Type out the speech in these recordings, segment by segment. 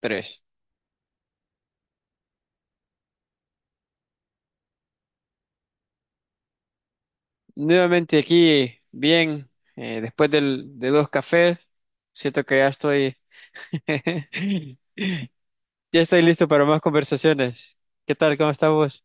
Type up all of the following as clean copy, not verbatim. Tres. Nuevamente aquí, bien, después de dos cafés, siento que ya estoy, ya estoy listo para más conversaciones. ¿Qué tal? ¿Cómo estás vos?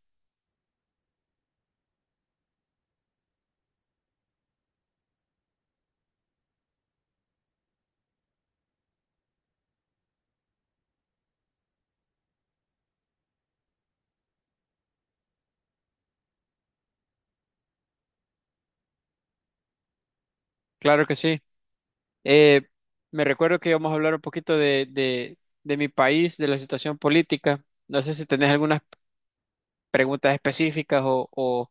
Claro que sí. Eh, me recuerdo que íbamos a hablar un poquito de mi país, de la situación política. No sé si tenés algunas preguntas específicas o.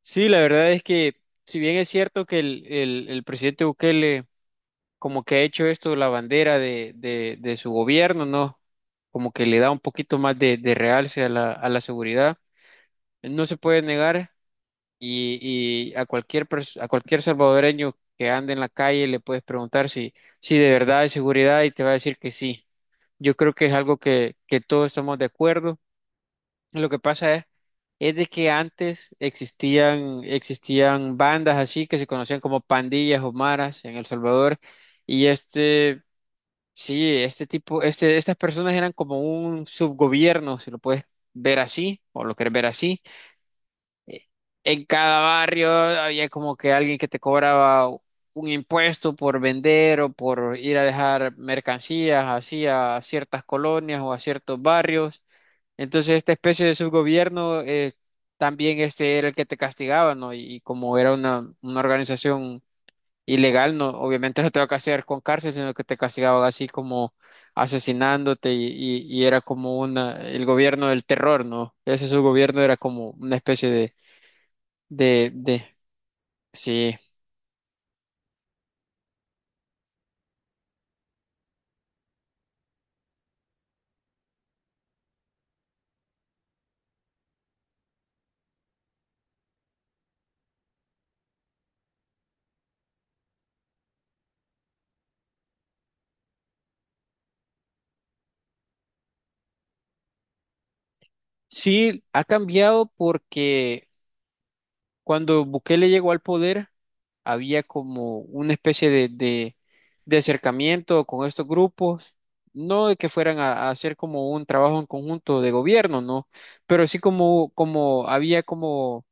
Sí, la verdad es que, si bien es cierto que el presidente Bukele como que ha hecho esto la bandera de su gobierno, ¿no? Como que le da un poquito más de realce a la seguridad. No se puede negar y a cualquier salvadoreño que ande en la calle le puedes preguntar si, de verdad hay seguridad y te va a decir que sí. Yo creo que es algo que todos estamos de acuerdo. Lo que pasa es de que antes existían bandas así que se conocían como pandillas o maras en El Salvador y este Sí. Estas personas eran como un subgobierno, si lo puedes ver así, o lo quieres ver así. Eh, En cada barrio había como que alguien que te cobraba un impuesto por vender o por ir a dejar mercancías así a ciertas colonias o a ciertos barrios. Entonces, esta especie de subgobierno también este era el que te castigaba, ¿no? Y como era una organización ilegal, no, obviamente no te va a castigar con cárcel, sino que te castigaban así como asesinándote y era como el gobierno del terror, ¿no? Ese su gobierno era como una especie de. Sí, sí, ha cambiado porque cuando Bukele llegó al poder había como una especie de acercamiento con estos grupos. No de que fueran a hacer como un trabajo en conjunto de gobierno, ¿no? Pero sí como había como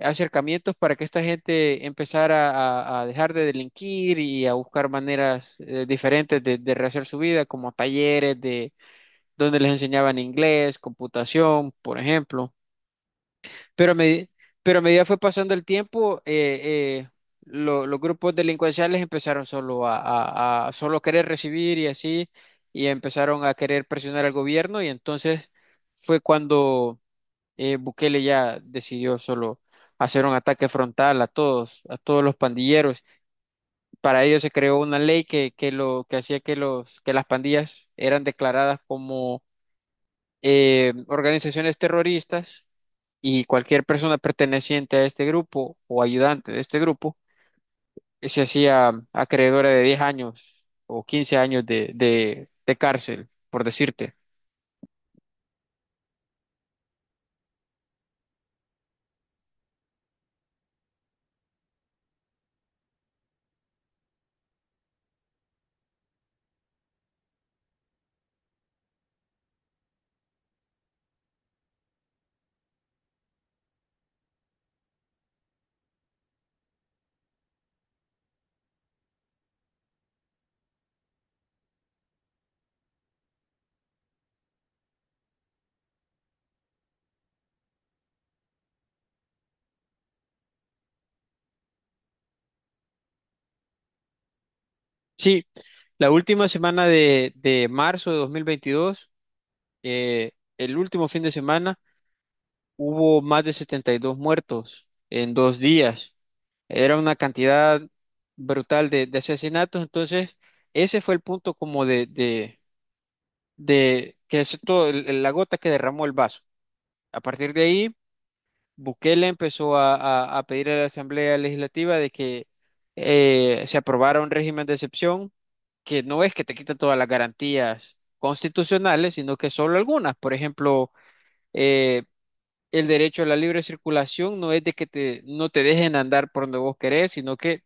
acercamientos para que esta gente empezara a dejar de delinquir y a buscar maneras diferentes de rehacer su vida, como talleres de donde les enseñaban inglés, computación, por ejemplo. Pero a, medi- pero a medida fue pasando el tiempo, eh, los grupos delincuenciales empezaron solo a solo querer recibir y así, y empezaron a querer presionar al gobierno y entonces fue cuando Bukele ya decidió solo hacer un ataque frontal a todos, los pandilleros. Para ello se creó una ley que lo que hacía que los que las pandillas eran declaradas como organizaciones terroristas y cualquier persona perteneciente a este grupo o ayudante de este grupo se hacía acreedora de 10 años o 15 años de cárcel, por decirte. Sí, la última semana de marzo de 2022. eh, el último fin de semana hubo más de 72 muertos en 2 días. Era una cantidad brutal de asesinatos. Entonces, ese fue el punto como de que es todo, la gota que derramó el vaso. A partir de ahí, Bukele empezó a pedir a la Asamblea Legislativa de que se aprobara un régimen de excepción que no es que te quita todas las garantías constitucionales, sino que solo algunas. Por ejemplo, eh, el derecho a la libre circulación no es de que no te dejen andar por donde vos querés, sino que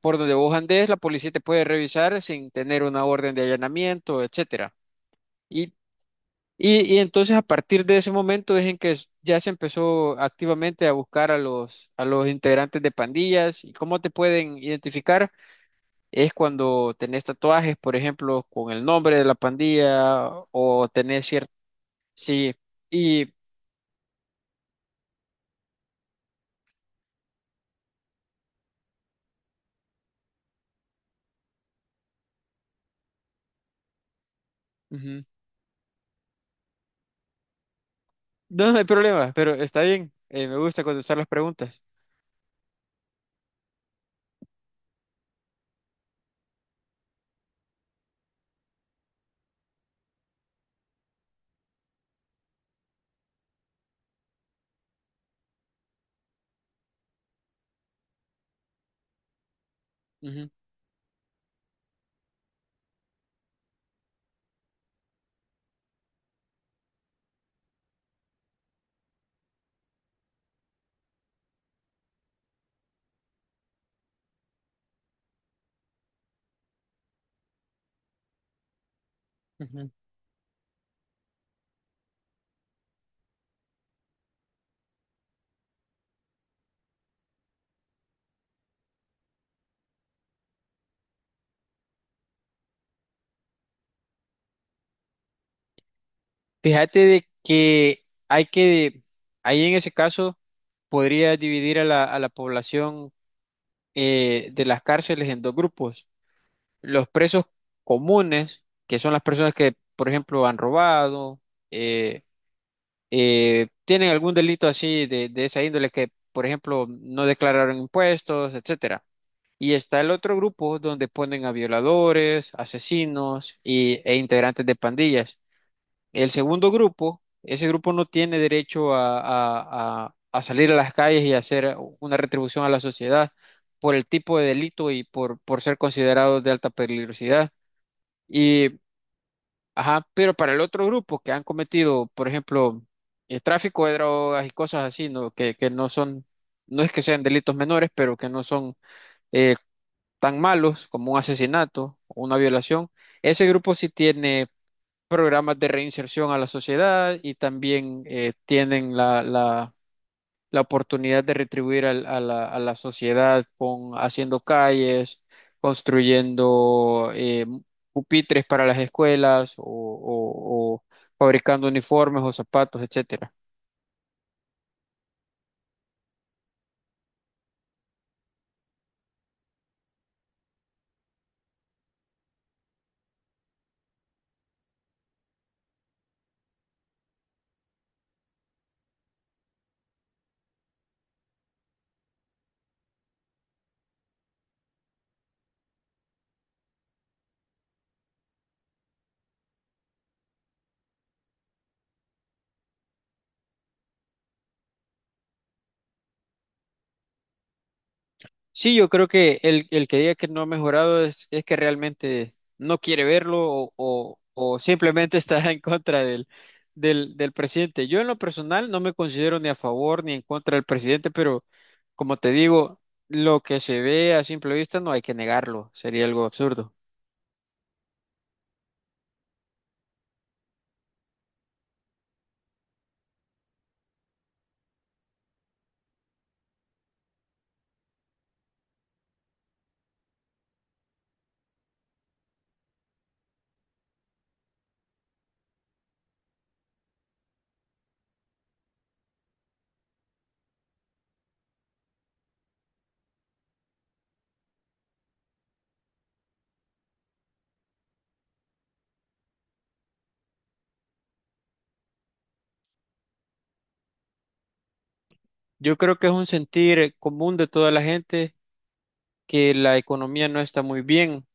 por donde vos andes, la policía te puede revisar sin tener una orden de allanamiento, etcétera. Y, y entonces a partir de ese momento es en que ya se empezó activamente a buscar a los integrantes de pandillas. ¿Y cómo te pueden identificar? Es cuando tenés tatuajes, por ejemplo, con el nombre de la pandilla o tenés cierto. Sí, y... Ujú. No, no hay problema, pero está bien. Me gusta contestar las preguntas. Ujú, ujú. Fíjate de que hay que, ahí en ese caso, podría dividir a la población de las cárceles en dos grupos. Los presos comunes, que son las personas que, por ejemplo, han robado, eh, tienen algún delito así de esa índole que, por ejemplo, no declararon impuestos, etcétera. Y está el otro grupo donde ponen a violadores, asesinos e integrantes de pandillas. El segundo grupo, ese grupo no tiene derecho a salir a las calles y hacer una retribución a la sociedad por el tipo de delito y por ser considerados de alta peligrosidad. Y, ajá, pero para el otro grupo que han cometido, por ejemplo, el tráfico de drogas y cosas así, ¿no? Que no son, no es que sean delitos menores, pero que no son eh, tan malos como un asesinato o una violación, ese grupo sí tiene programas de reinserción a la sociedad y también tienen la oportunidad de retribuir a la sociedad con haciendo calles, construyendo pupitres para las escuelas o fabricando uniformes o zapatos, etcétera. Sí, yo creo que el que diga que no ha mejorado es, que realmente no quiere verlo o simplemente está en contra del presidente. Yo en lo personal no me considero ni a favor ni en contra del presidente, pero como te digo, lo que se ve a simple vista no hay que negarlo, sería algo absurdo. Yo creo que es un sentir común de toda la gente que la economía no está muy bien.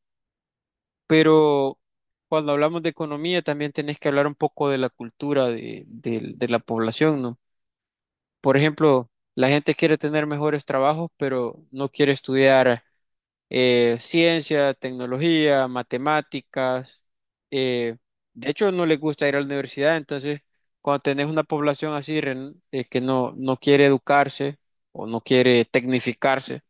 Pero cuando hablamos de economía también tenés que hablar un poco de la cultura de la población, ¿no? Por ejemplo, la gente quiere tener mejores trabajos, pero no quiere estudiar ciencia, tecnología, matemáticas. eh, de hecho, no les gusta ir a la universidad, entonces cuando tenés una población así que no quiere educarse o no quiere tecnificarse,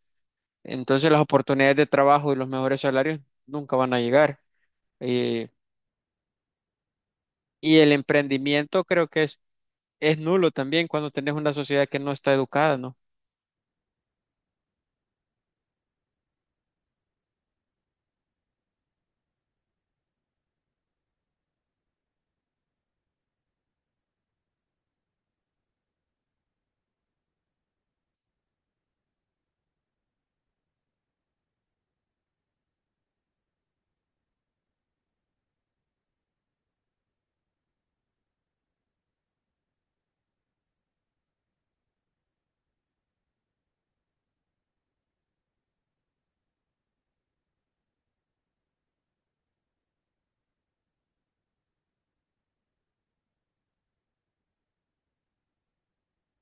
entonces las oportunidades de trabajo y los mejores salarios nunca van a llegar. Eh, Y el emprendimiento creo que es nulo también cuando tenés una sociedad que no está educada, ¿no?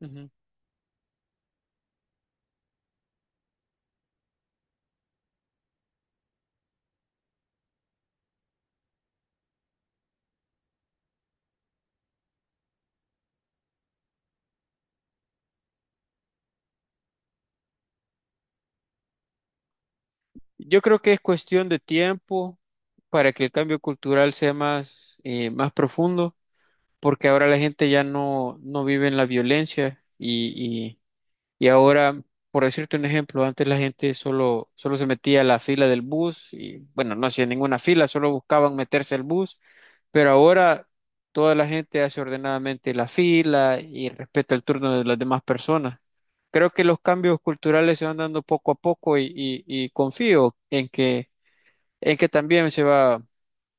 Ujú. Yo creo que es cuestión de tiempo para que el cambio cultural sea más profundo, porque ahora la gente ya no vive en la violencia y ahora, por decirte un ejemplo, antes la gente solo se metía a la fila del bus y, bueno, no hacía ninguna fila, solo buscaban meterse al bus. Pero ahora toda la gente hace ordenadamente la fila y respeta el turno de las demás personas. Creo que los cambios culturales se van dando poco a poco y confío en que también se va,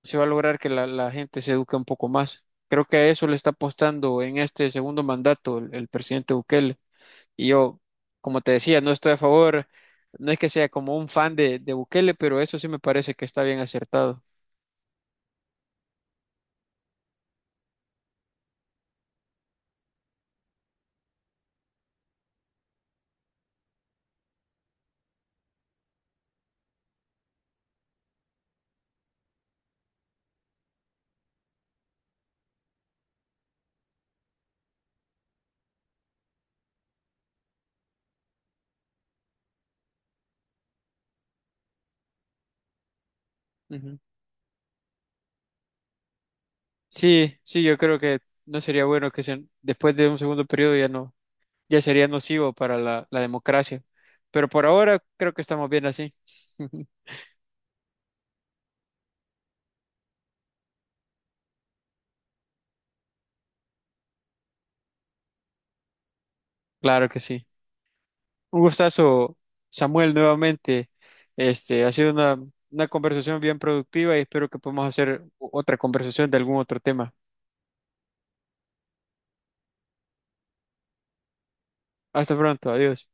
se va a lograr que la gente se eduque un poco más. Creo que a eso le está apostando en este segundo mandato el presidente Bukele. Y yo, como te decía, no estoy a favor, no es que sea como un fan de Bukele, pero eso sí me parece que está bien acertado. Ujú. Sí, sí, yo creo que no sería bueno que después de un segundo periodo ya no, ya sería nocivo para la democracia. Pero por ahora creo que estamos bien así. Claro que sí. Un gustazo, Samuel, nuevamente. Ha sido una conversación bien productiva y espero que podamos hacer otra conversación de algún otro tema. Hasta pronto, adiós.